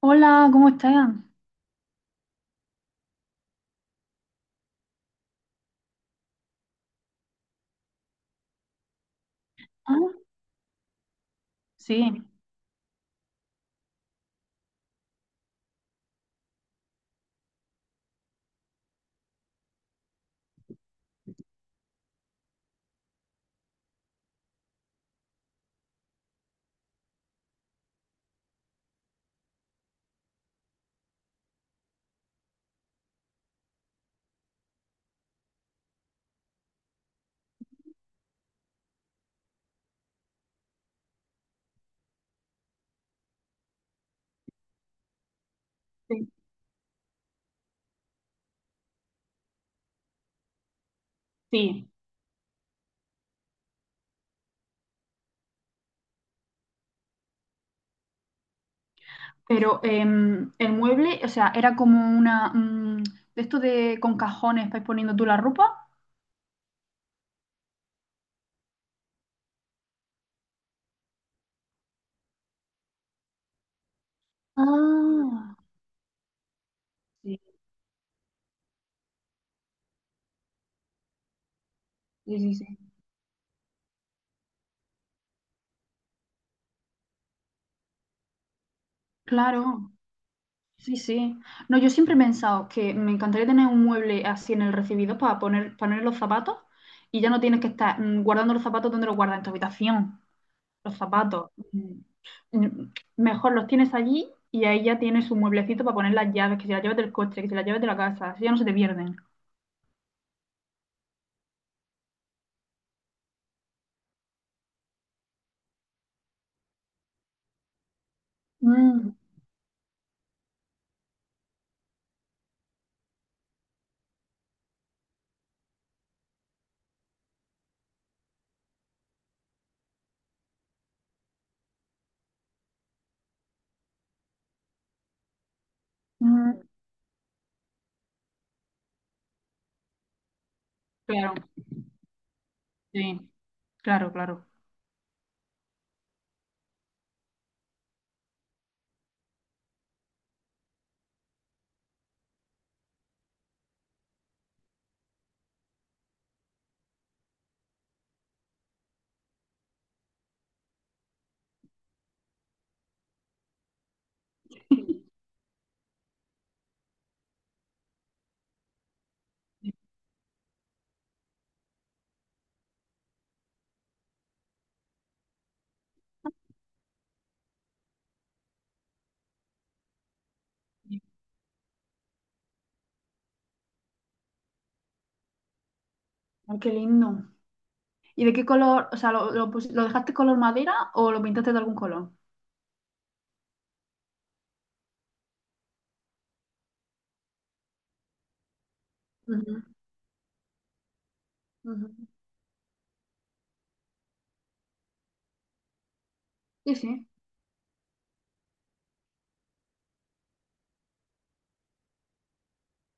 Hola, ¿cómo están? Ah, Sí, sí, sí. Pero el mueble, o sea, era como una de esto de con cajones para ir poniendo tú la ropa. Ah, sí, sí, sí. Sí. Claro, sí, sí. No, yo siempre he pensado que me encantaría tener un mueble así en el recibidor para poner los zapatos y ya no tienes que estar guardando los zapatos donde los guardas en tu habitación. Los zapatos. Mejor los tienes allí y ahí ya tienes un mueblecito para poner las llaves, que si las llaves del coche, que si las llaves de la casa, así ya no se te pierden. Mm, mm, Claro, sí, claro, claro. Ay, qué lindo. ¿Y de qué color? O sea, ¿lo, lo dejaste color madera o lo pintaste de algún color? Ujú, ujú. Sí, sí,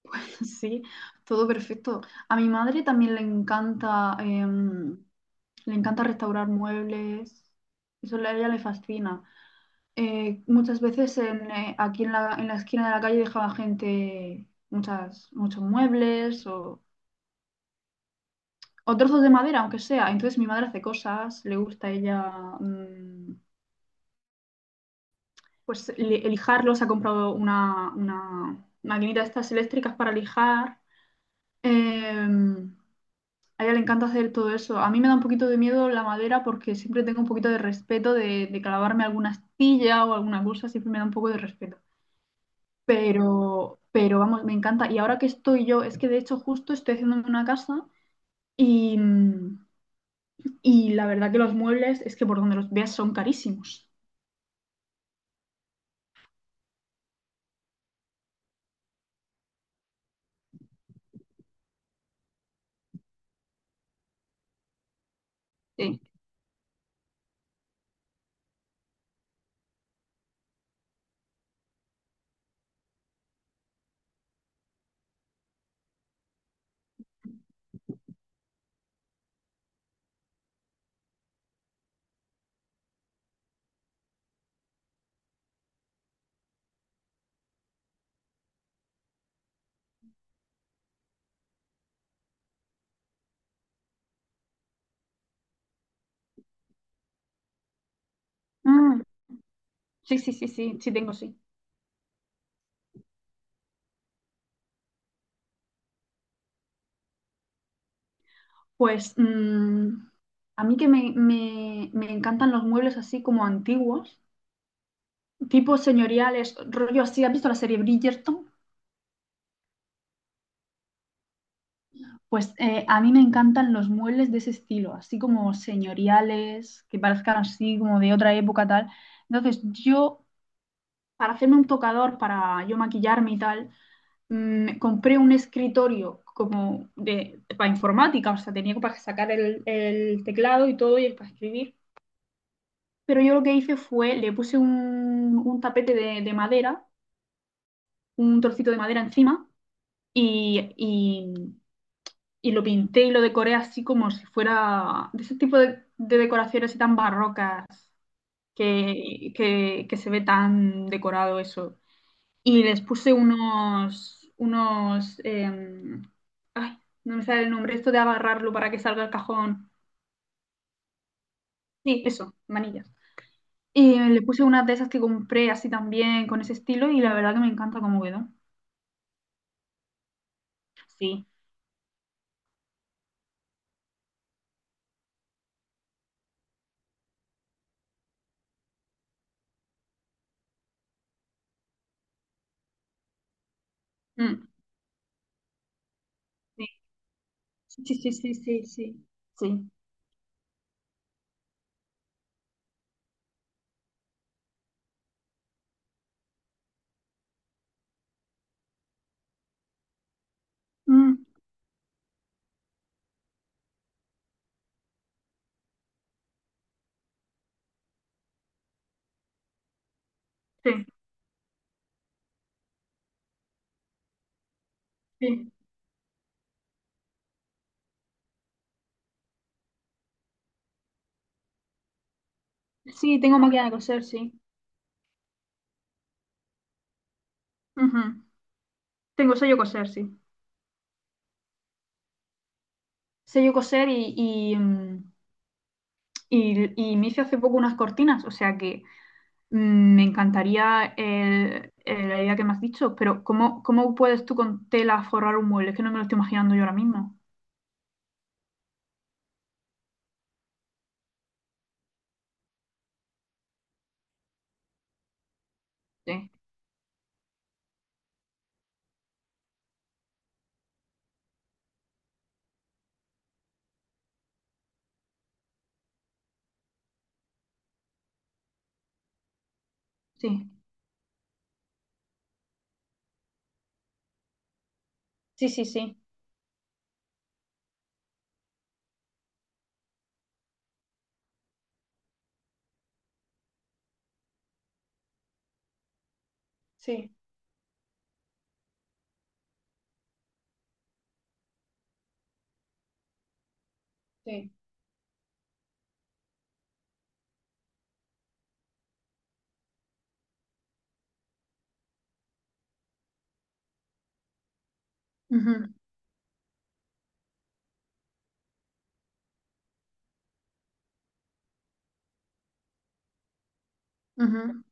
sí, todo perfecto. A mi madre también le encanta, le encanta restaurar muebles. Eso a ella le fascina. Muchas veces en, aquí en la esquina de la calle dejaba gente muchos muebles o trozos de madera, aunque sea. Entonces mi madre hace cosas, le gusta a ella mm, pues lijarlos, ha comprado una maquinita de estas eléctricas para lijar. Em, a ella le encanta hacer todo eso. A mí me da un poquito de miedo la madera porque siempre tengo un poquito de respeto de clavarme alguna astilla o alguna cosa, siempre me da un poco de respeto. Pero vamos, me encanta. Y ahora que estoy yo, es que de hecho justo estoy haciéndome una casa y, y la verdad que los muebles es que por donde los veas son carísimos. Sí. Mm, sí, sí, sí, sí, sí tengo, sí. Pues a mí que me encantan los muebles así como antiguos, tipo señoriales, rollo así. ¿Has visto la serie Bridgerton? Pues a mí me encantan los muebles de ese estilo, así como señoriales, que parezcan así como de otra época tal. Entonces yo para hacerme un tocador, para yo maquillarme y tal, compré un escritorio como de, para informática, o sea, tenía para sacar el teclado y todo y el para escribir. Pero yo lo que hice fue, le puse un tapete de madera, un trocito de madera encima y, y, y lo pinté y lo decoré así como si fuera de ese tipo de decoraciones así tan barrocas que se ve tan decorado eso. Y les puse unos, unos, ay, no me sale el nombre, esto de agarrarlo para que salga el cajón. Sí, eso, manillas. Y le puse unas de esas que compré así también, con ese estilo, y la verdad que me encanta cómo quedó. Sí. Mm, sí, sí, sí, sí, sí, sí. Sí. Mm, sí, sí. Sí, tengo máquina de coser, sí. Ujú. Tengo sello coser, sí. Sello coser y, y me hice hace poco unas cortinas, o sea que... me encantaría la idea que me has dicho, pero ¿cómo, cómo puedes tú con tela forrar un mueble? Es que no me lo estoy imaginando yo ahora mismo. Sí, sí, sí, sí, sí, sí, sí. Ujú, ujú,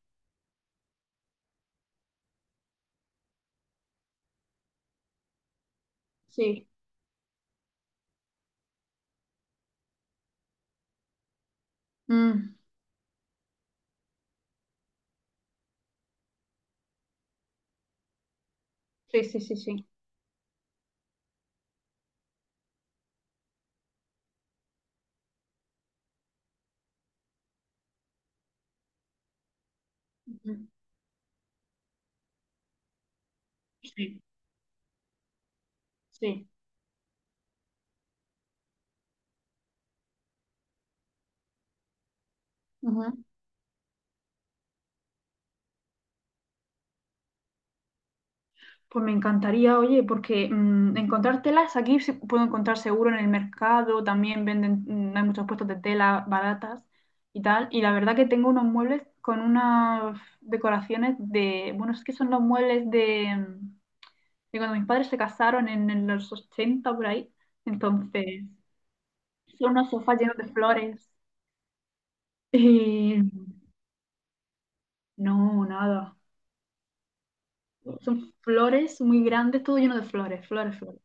sí. Mm, sí, sí, sí, sí. Ujú, sí, sí. Pues me encantaría, oye, porque encontrar telas aquí se puedo encontrar seguro en el mercado, también venden, hay muchos puestos de tela baratas y tal. Y la verdad que tengo unos muebles con unas decoraciones de, bueno, es que son los muebles de, de cuando mis padres se casaron en los 80 por ahí. Entonces, son unos sofás llenos de flores. Y no, nada. Son flores muy grandes, todo lleno de flores, flores, flores.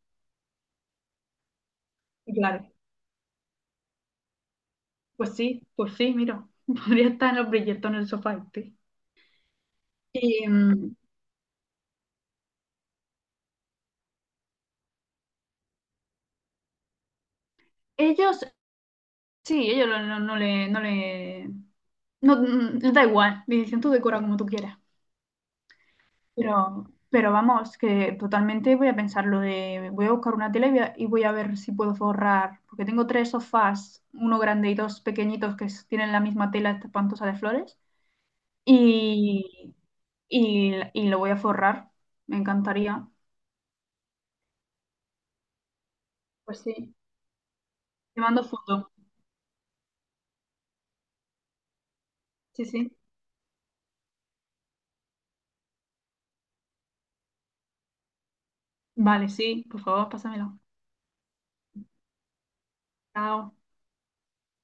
Y claro. Pues sí, mira, podría estar en los brillantes en el sofá este. Y ellos, sí, ellos no le, no, les da igual, le dicen tú decora como tú quieras. Pero vamos, que totalmente voy a pensar lo de, voy a buscar una tele y voy a ver si puedo forrar, porque tengo tres sofás, uno grande y dos pequeñitos que tienen la misma tela esta espantosa de flores, y, y lo voy a forrar, me encantaría. Pues sí, te mando foto. Sí, sí. Vale, sí, por favor, pásamelo. Chao.